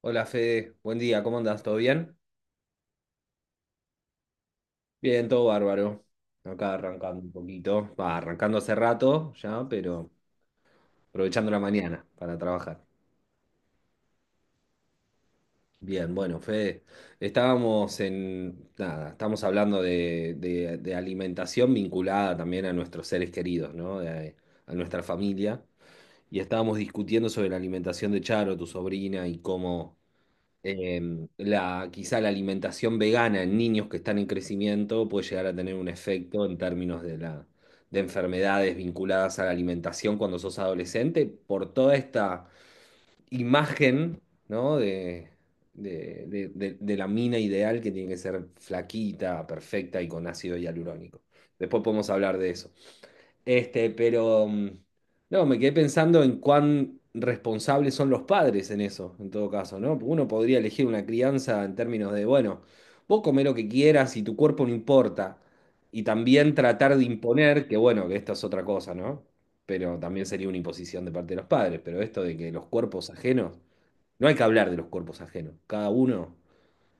Hola Fede, buen día, ¿cómo andás? ¿Todo bien? Bien, todo bárbaro. Acá arrancando un poquito. Va, arrancando hace rato ya, pero aprovechando la mañana para trabajar. Bien, bueno, Fede, estábamos en, nada, estamos hablando de, de alimentación vinculada también a nuestros seres queridos, ¿no? De, a nuestra familia. Y estábamos discutiendo sobre la alimentación de Charo, tu sobrina, y cómo, la, quizá la alimentación vegana en niños que están en crecimiento puede llegar a tener un efecto en términos de la, de enfermedades vinculadas a la alimentación cuando sos adolescente, por toda esta imagen, ¿no? de la mina ideal que tiene que ser flaquita, perfecta y con ácido hialurónico. Después podemos hablar de eso. Este, pero no, me quedé pensando en cuán responsables son los padres en eso, en todo caso, ¿no? Porque uno podría elegir una crianza en términos de, bueno, vos comé lo que quieras y tu cuerpo no importa. Y también tratar de imponer, que bueno, que esto es otra cosa, ¿no? Pero también sería una imposición de parte de los padres, pero esto de que los cuerpos ajenos, no hay que hablar de los cuerpos ajenos, cada uno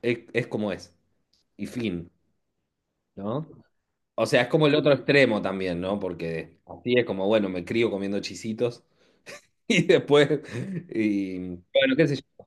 es como es, y fin, ¿no? O sea, es como el otro extremo también, ¿no? Porque así es como, bueno, me crío comiendo chisitos y después, y bueno, qué sé yo.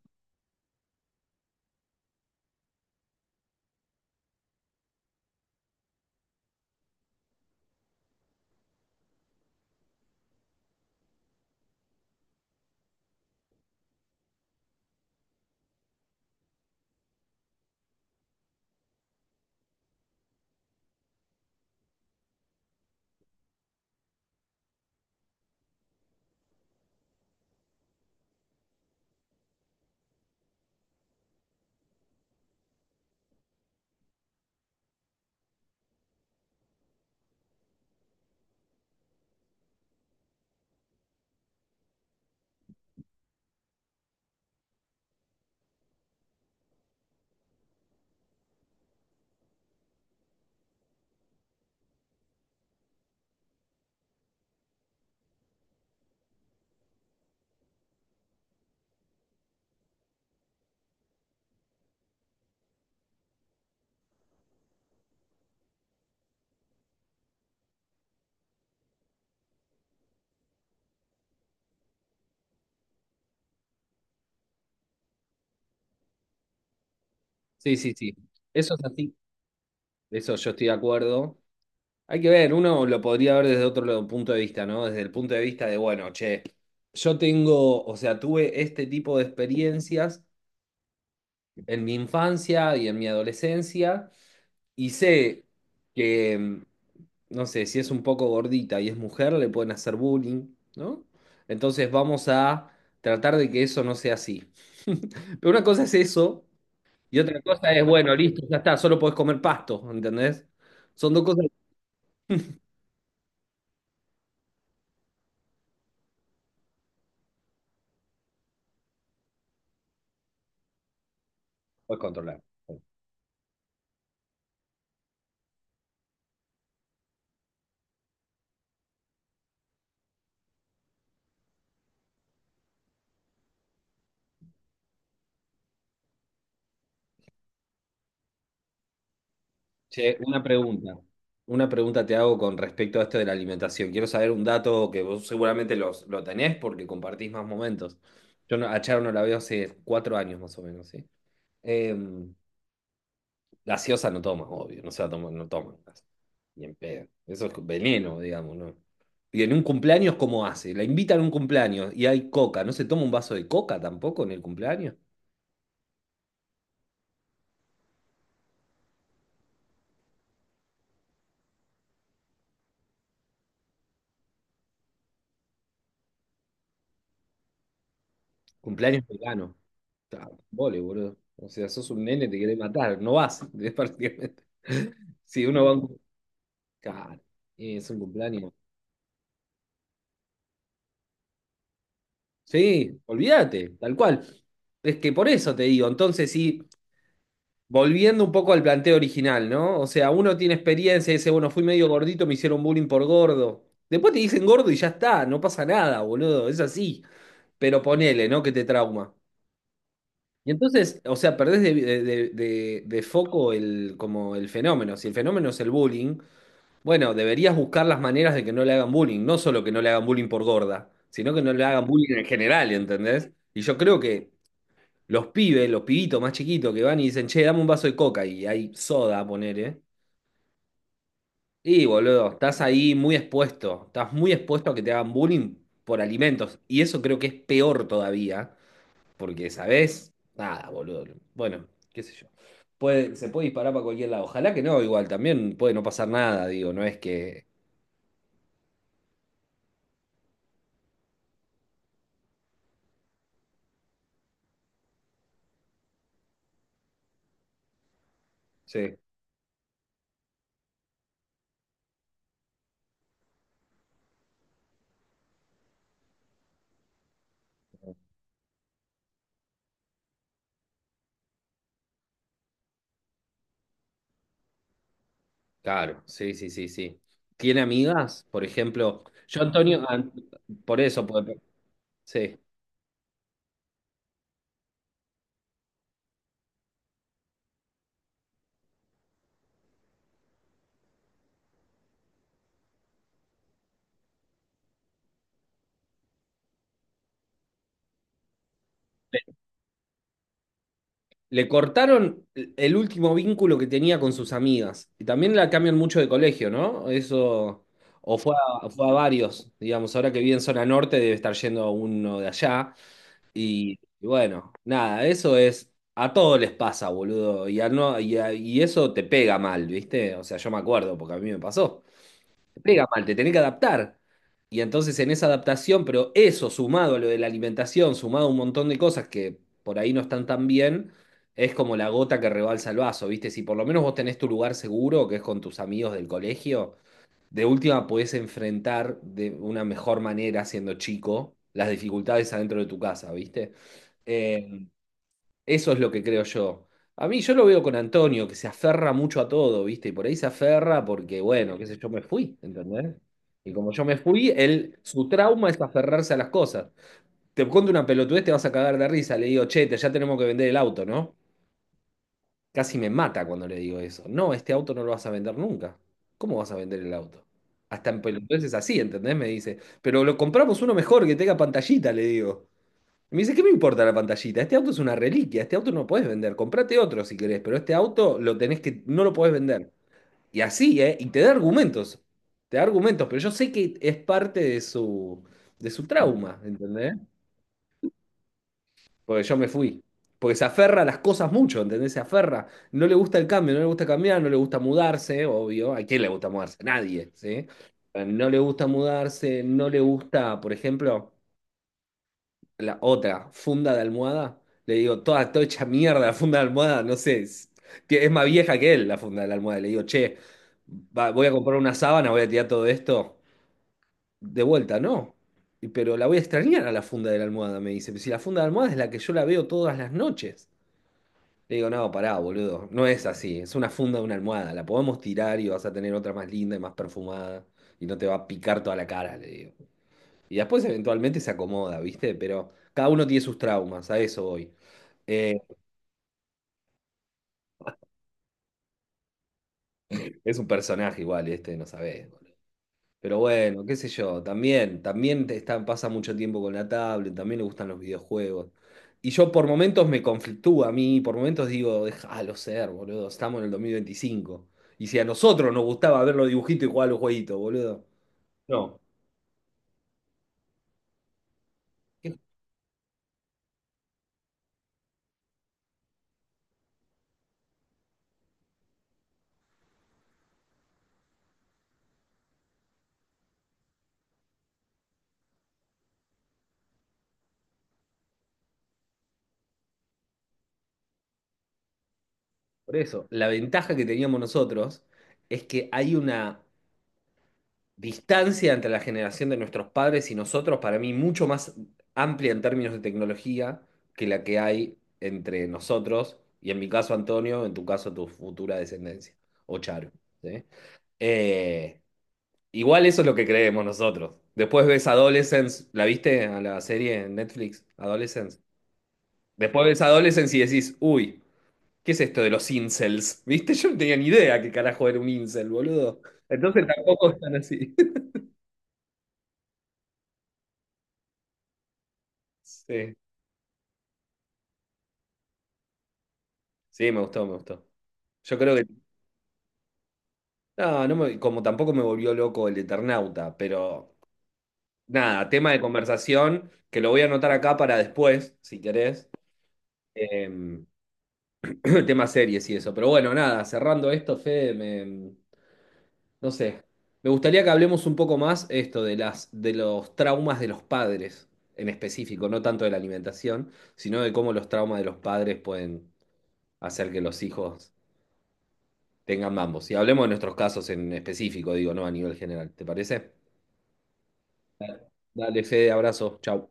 Sí, sí, sí. Eso es así. Eso yo estoy de acuerdo. Hay que ver, uno lo podría ver desde punto de vista, ¿no? Desde el punto de vista de, bueno, che, yo tengo, o sea, tuve este tipo de experiencias en mi infancia y en mi adolescencia y sé que no sé, si es un poco gordita y es mujer, le pueden hacer bullying, ¿no? Entonces vamos a tratar de que eso no sea así. Pero una cosa es eso y otra cosa es, bueno, listo, ya está, solo podés comer pasto, ¿entendés? Son dos cosas que no podés controlar. Che, una pregunta. Una pregunta te hago con respecto a esto de la alimentación. Quiero saber un dato que vos seguramente lo tenés porque compartís más momentos. Yo no- A Charo no la veo hace 4 años más o menos, ¿sí? Eh, gaseosa no toman, obvio, no se la toman, ni en pedo. Eso es veneno, digamos, ¿no? Y en un cumpleaños, ¿cómo hace? La invitan a un cumpleaños y hay coca, ¿no se toma un vaso de coca tampoco en el cumpleaños? Cumpleaños vegano. Ah, Vole, boludo. O sea, sos un nene, te querés matar, no vas, es prácticamente. Si uno va a un... cum- Claro, es un cumpleaños. Sí, olvídate, tal cual. Es que por eso te digo, entonces sí. Volviendo un poco al planteo original, ¿no? O sea, uno tiene experiencia y dice, bueno, fui medio gordito, me hicieron bullying por gordo. Después te dicen gordo y ya está, no pasa nada, boludo, es así. Pero ponele, ¿no? Que te trauma. Y entonces, o sea, perdés de foco el, como el fenómeno. Si el fenómeno es el bullying, bueno, deberías buscar las maneras de que no le hagan bullying. No solo que no le hagan bullying por gorda, sino que no le hagan bullying en general, ¿entendés? Y yo creo que los pibes, los pibitos más chiquitos que van y dicen, che, dame un vaso de coca y hay soda, ponele. Y boludo, estás ahí muy expuesto, estás muy expuesto a que te hagan bullying por alimentos. Y eso creo que es peor todavía, porque, ¿sabés? Nada, boludo. Bueno, qué sé yo. Puede, se puede disparar para cualquier lado. Ojalá que no, igual también puede no pasar nada, digo, no es que... Sí, claro, sí, sí, sí, sí. ¿Tiene amigas? Por ejemplo, yo Antonio, an- por eso, por- sí. Le cortaron el último vínculo que tenía con sus amigas. Y también la cambian mucho de colegio, ¿no? Eso. O fue fue a varios, digamos, ahora que vive en zona norte debe estar yendo a uno de allá. Y bueno, nada, eso es. A todos les pasa, boludo. Y, a no, y, a- Y eso te pega mal, ¿viste? O sea, yo me acuerdo porque a mí me pasó, te pega mal, te tenés que adaptar. Y entonces en esa adaptación, pero eso sumado a lo de la alimentación, sumado a un montón de cosas que por ahí no están tan bien, es como la gota que rebalsa el vaso, ¿viste? Si por lo menos vos tenés tu lugar seguro, que es con tus amigos del colegio, de última podés enfrentar de una mejor manera, siendo chico, las dificultades adentro de tu casa, ¿viste? Eh, eso es lo que creo yo. A mí yo lo veo con Antonio, que se aferra mucho a todo, ¿viste? Y por ahí se aferra porque, bueno, qué sé yo, me fui, ¿entendés? Y como yo me fui, él, su trauma es aferrarse a las cosas. Te cuento una pelotudez, te vas a cagar de risa. Le digo, che, ya tenemos que vender el auto, ¿no? Casi me mata cuando le digo eso. No, este auto no lo vas a vender nunca. ¿Cómo vas a vender el auto? Hasta en pelotudeces así, ¿entendés? Me dice, pero lo compramos uno mejor que tenga pantallita, le digo. Y me dice, ¿qué me importa la pantallita? Este auto es una reliquia, este auto no puedes vender, comprate otro si querés, pero este auto lo tenés que, no lo podés vender. Y así, ¿eh? Y te da argumentos, pero yo sé que es parte de su trauma, ¿entendés? Porque yo me fui. Porque se aferra a las cosas mucho, ¿entendés? Se aferra. No le gusta el cambio, no le gusta cambiar, no le gusta mudarse, obvio. ¿A quién le gusta mudarse? A nadie, ¿sí? No le gusta mudarse, no le gusta, por ejemplo, la otra funda de almohada, le digo, toda hecha mierda la funda de almohada, no sé, es, es más vieja que él la funda de la almohada. Le digo, che, voy a comprar una sábana, voy a tirar todo esto. De vuelta, no. Pero la voy a extrañar a la funda de la almohada, me dice. Si la funda de la almohada es la que yo la veo todas las noches. Le digo, no, pará, boludo, no es así, es una funda de una almohada, la podemos tirar y vas a tener otra más linda y más perfumada y no te va a picar toda la cara, le digo. Y después eventualmente se acomoda, ¿viste? Pero cada uno tiene sus traumas, a eso voy. Eh, es un personaje igual, este, no sabés, boludo. Pero bueno, qué sé yo, pasa mucho tiempo con la tablet, también le gustan los videojuegos. Y yo por momentos me conflictúa a mí, por momentos digo, déjalo ser, boludo, estamos en el 2025. Y si a nosotros nos gustaba ver los dibujitos y jugar a los jueguitos, boludo. No. Por eso, la ventaja que teníamos nosotros es que hay una distancia entre la generación de nuestros padres y nosotros, para mí, mucho más amplia en términos de tecnología que la que hay entre nosotros, y en mi caso Antonio, en tu caso tu futura descendencia, o Charo, ¿sí? Eh, igual eso es lo que creemos nosotros. Después ves Adolescence, ¿la viste a la serie en Netflix? Adolescence. Después ves Adolescence y decís, uy, ¿qué es esto de los incels? ¿Viste? Yo no tenía ni idea qué carajo era un incel, boludo. Entonces tampoco están así. Sí. Sí, me gustó, me gustó. Yo creo que. Como tampoco me volvió loco el Eternauta, pero nada, tema de conversación, que lo voy a anotar acá para después, si querés. Em, tema series y eso. Pero bueno, nada, cerrando esto, Fede, no sé. Me gustaría que hablemos un poco más esto de de los traumas de los padres en específico, no tanto de la alimentación, sino de cómo los traumas de los padres pueden hacer que los hijos tengan ambos. Y hablemos de nuestros casos en específico, digo, no a nivel general. ¿Te parece? Dale, Fede, abrazo. Chau.